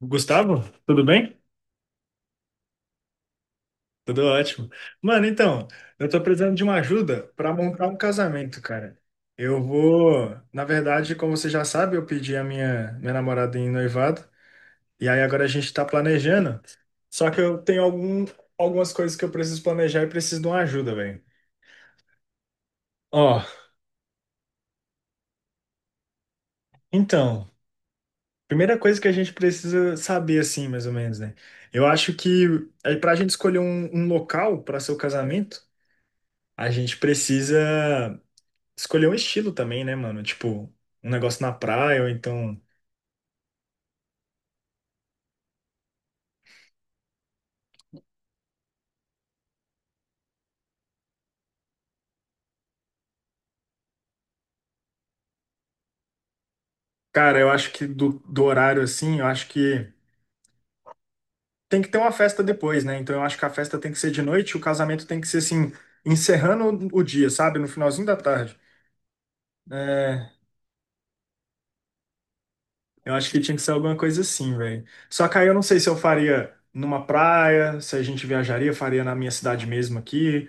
Gustavo, tudo bem? Tudo ótimo. Mano, então, eu tô precisando de uma ajuda pra montar um casamento, cara. Eu vou, na verdade, como você já sabe, eu pedi a minha namorada em noivado, e aí agora a gente tá planejando. Só que eu tenho algumas coisas que eu preciso planejar e preciso de uma ajuda, velho. Ó, então, primeira coisa que a gente precisa saber, assim, mais ou menos, né? Eu acho que é pra gente escolher um local para seu casamento, a gente precisa escolher um estilo também, né, mano? Tipo, um negócio na praia, ou então. Cara, eu acho que do horário assim, eu acho que tem que ter uma festa depois, né? Então eu acho que a festa tem que ser de noite, o casamento tem que ser assim, encerrando o dia, sabe? No finalzinho da tarde. É, eu acho que tinha que ser alguma coisa assim, velho. Só que aí eu não sei se eu faria numa praia, se a gente viajaria, faria na minha cidade mesmo aqui.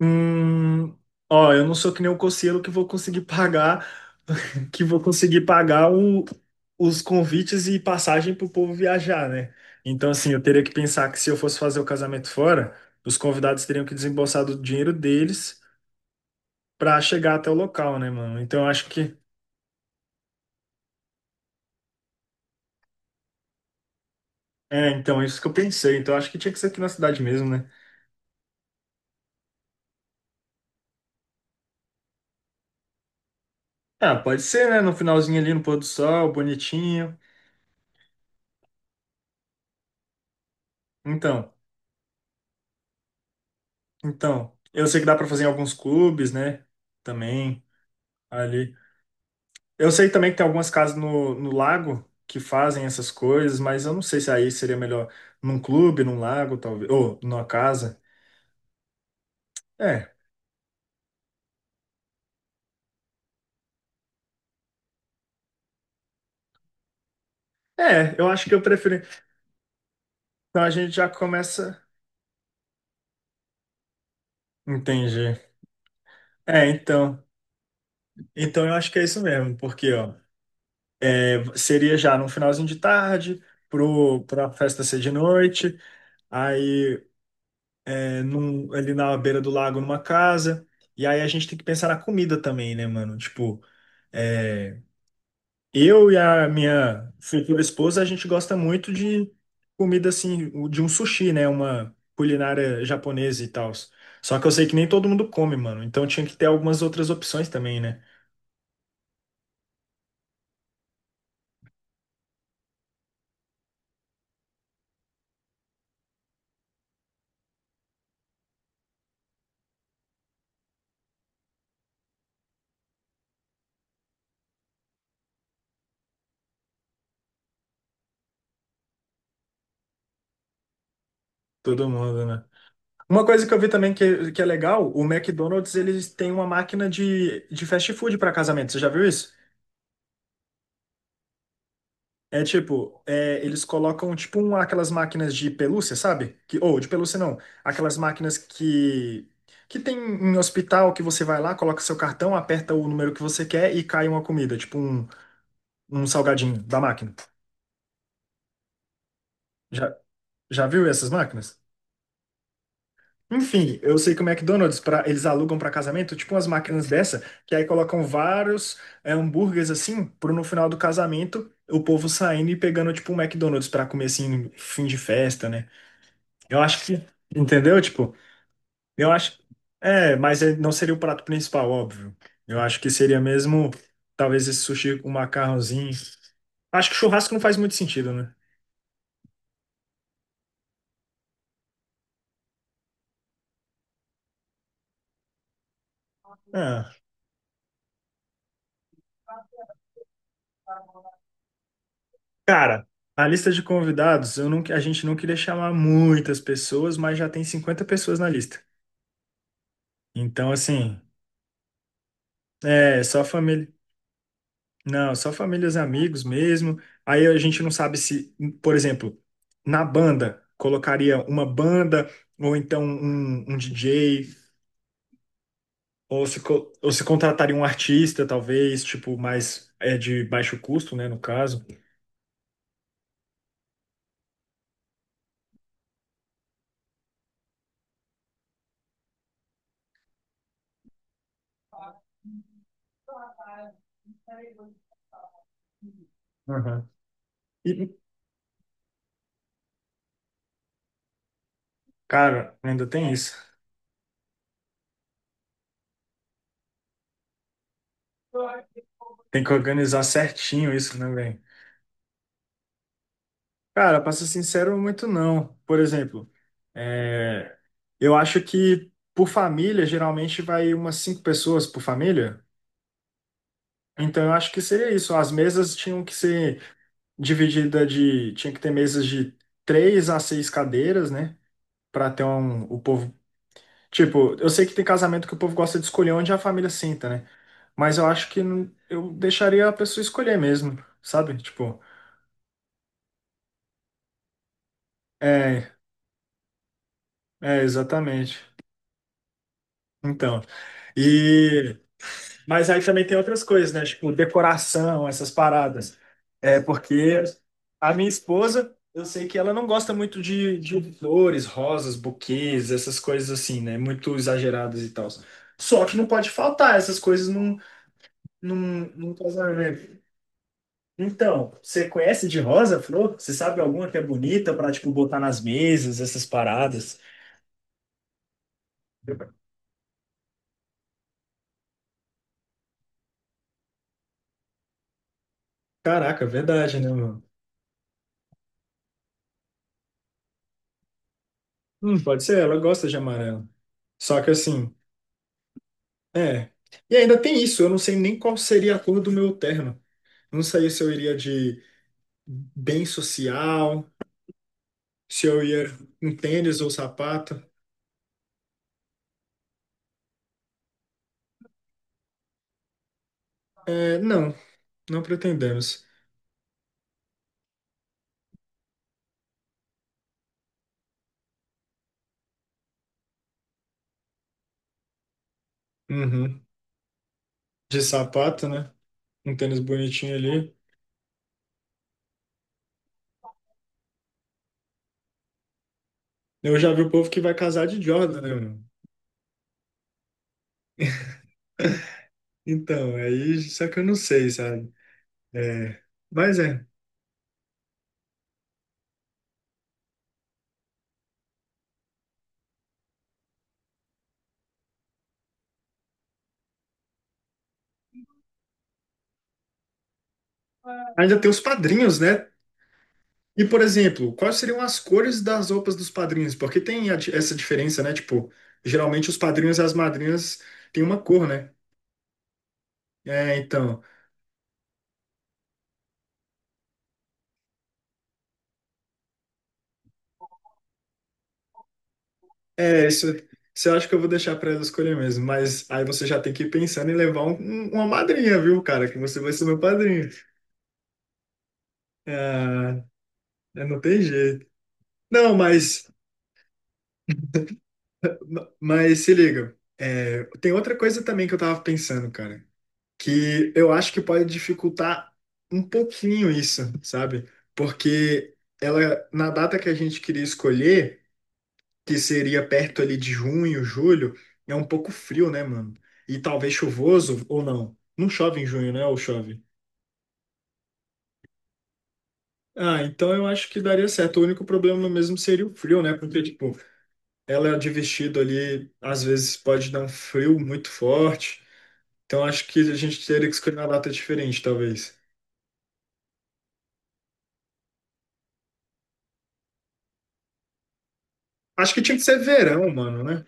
Hum, ó, eu não sou que nem o Cossielo que vou conseguir pagar que vou conseguir pagar os convites e passagem para o povo viajar, né? Então, assim, eu teria que pensar que se eu fosse fazer o casamento fora, os convidados teriam que desembolsar do dinheiro deles para chegar até o local, né, mano? Então, eu acho que. É, então, é isso que eu pensei. Então, eu acho que tinha que ser aqui na cidade mesmo, né? Ah, pode ser, né? No finalzinho ali, no pôr do sol, bonitinho. Então, então. Eu sei que dá para fazer em alguns clubes, né? Também, ali. Eu sei também que tem algumas casas no lago que fazem essas coisas, mas eu não sei se aí seria melhor num clube, num lago, talvez, ou numa casa. É, é, eu acho que eu preferi. Então a gente já começa. Entendi. É, então. Então eu acho que é isso mesmo, porque ó, é, seria já no finalzinho de tarde, pra festa ser de noite, aí é, ali na beira do lago, numa casa. E aí a gente tem que pensar na comida também, né, mano? Tipo, é, eu e a minha futura esposa, a gente gosta muito de comida assim, de um sushi, né? Uma culinária japonesa e tal. Só que eu sei que nem todo mundo come, mano. Então tinha que ter algumas outras opções também, né? Todo mundo, né? Uma coisa que eu vi também que é legal, o McDonald's, eles têm uma máquina de fast food para casamento. Você já viu isso? É tipo, é, eles colocam tipo um, aquelas máquinas de pelúcia, sabe? Que, ou de pelúcia não, aquelas máquinas que tem em hospital que você vai lá, coloca seu cartão, aperta o número que você quer e cai uma comida, tipo um, um salgadinho da máquina. Já, já viu essas máquinas? Enfim, eu sei que o McDonald's, pra, eles alugam para casamento, tipo umas máquinas dessa, que aí colocam vários é, hambúrgueres assim, pro no final do casamento o povo saindo e pegando tipo um McDonald's para comer assim, fim de festa, né? Eu acho que, entendeu? Tipo, eu acho. É, mas ele não seria o prato principal, óbvio. Eu acho que seria mesmo, talvez, esse sushi com macarrãozinho. Acho que churrasco não faz muito sentido, né? Ah, cara, a lista de convidados, eu não, a gente não queria chamar muitas pessoas, mas já tem 50 pessoas na lista. Então, assim, é só família. Não, só famílias e amigos mesmo. Aí a gente não sabe se, por exemplo, na banda, colocaria uma banda, ou então um DJ, ou se, ou se contrataria um artista, talvez, tipo, mais é de baixo custo, né, no caso. Aham. E, cara, ainda tem isso. Tem que organizar certinho isso, né, velho? Cara, pra ser sincero, muito não. Por exemplo, é, eu acho que por família, geralmente vai umas 5 pessoas por família. Então, eu acho que seria isso. As mesas tinham que ser divididas de. Tinha que ter mesas de 3 a 6 cadeiras, né? Pra ter um, o povo. Tipo, eu sei que tem casamento que o povo gosta de escolher onde a família sinta, né? Mas eu acho que eu deixaria a pessoa escolher mesmo, sabe? Tipo, é, é, exatamente. Então. E mas aí também tem outras coisas, né? Tipo, decoração, essas paradas. É porque a minha esposa, eu sei que ela não gosta muito de flores, rosas, buquês, essas coisas assim, né? Muito exageradas e tal. Só que não pode faltar essas coisas num casamento. Então, você conhece de rosa, flor? Você sabe alguma que é bonita pra, tipo, botar nas mesas, essas paradas? Caraca, é verdade, né, mano? Pode ser, ela gosta de amarelo. Só que assim. É. E ainda tem isso, eu não sei nem qual seria a cor do meu terno. Não sei se eu iria de bem social, se eu ia com tênis ou sapato. É, não, não pretendemos. Uhum. De sapato, né? Um tênis bonitinho ali. Eu já vi o povo que vai casar de Jordan, né, mano? Então, aí, só que eu não sei, sabe? É, mas é. Ainda tem os padrinhos, né? E, por exemplo, quais seriam as cores das roupas dos padrinhos? Porque tem a essa diferença, né? Tipo, geralmente os padrinhos e as madrinhas têm uma cor, né? É, então. É, isso eu acho que eu vou deixar pra ela escolher mesmo. Mas aí você já tem que ir pensando em levar uma madrinha, viu, cara? Que você vai ser meu padrinho. Ah, é, não tem jeito. Não, mas, mas se liga. É, tem outra coisa também que eu tava pensando, cara, que eu acho que pode dificultar um pouquinho isso, sabe? Porque ela, na data que a gente queria escolher, que seria perto ali de junho, julho, é um pouco frio, né, mano? E talvez chuvoso ou não. Não chove em junho, né? Ou chove? Ah, então eu acho que daria certo. O único problema no mesmo seria o frio, né? Porque, tipo, ela de vestido ali, às vezes pode dar um frio muito forte. Então acho que a gente teria que escolher uma data diferente, talvez. Acho que tinha que ser verão, mano, né?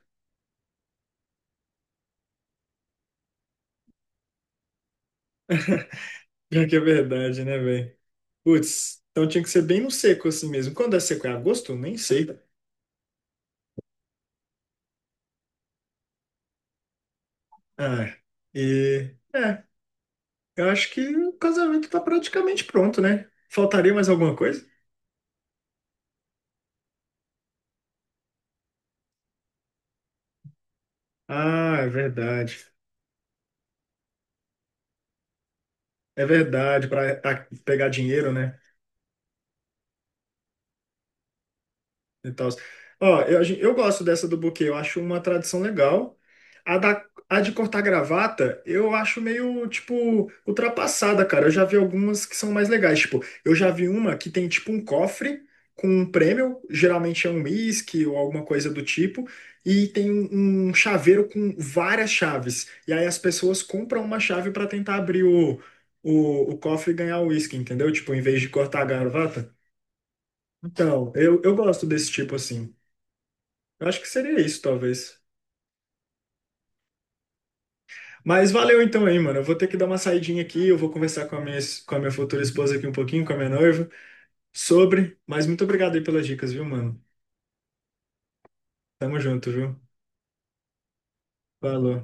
Pior que é verdade, né, velho? Putz, então tinha que ser bem no seco assim mesmo. Quando é seco? É agosto? Nem sei. Ah, e. É, eu acho que o casamento tá praticamente pronto, né? Faltaria mais alguma coisa? Ah, é verdade. É verdade, para pegar dinheiro, né? E tal. Ó, eu, eu gosto dessa do buquê, eu acho uma tradição legal. A de cortar gravata, eu acho meio, tipo, ultrapassada, cara. Eu já vi algumas que são mais legais. Tipo, eu já vi uma que tem, tipo, um cofre com um prêmio, geralmente é um uísque ou alguma coisa do tipo, e tem um, um chaveiro com várias chaves. E aí as pessoas compram uma chave para tentar abrir o cofre e ganhar o uísque, entendeu? Tipo, em vez de cortar a gravata. Então, eu gosto desse tipo assim. Eu acho que seria isso, talvez. Mas valeu então aí, mano. Eu vou ter que dar uma saidinha aqui, eu vou conversar com a minha, com a minha futura esposa aqui um pouquinho, com a minha noiva, sobre. Mas muito obrigado aí pelas dicas, viu, mano? Tamo junto, viu? Falou.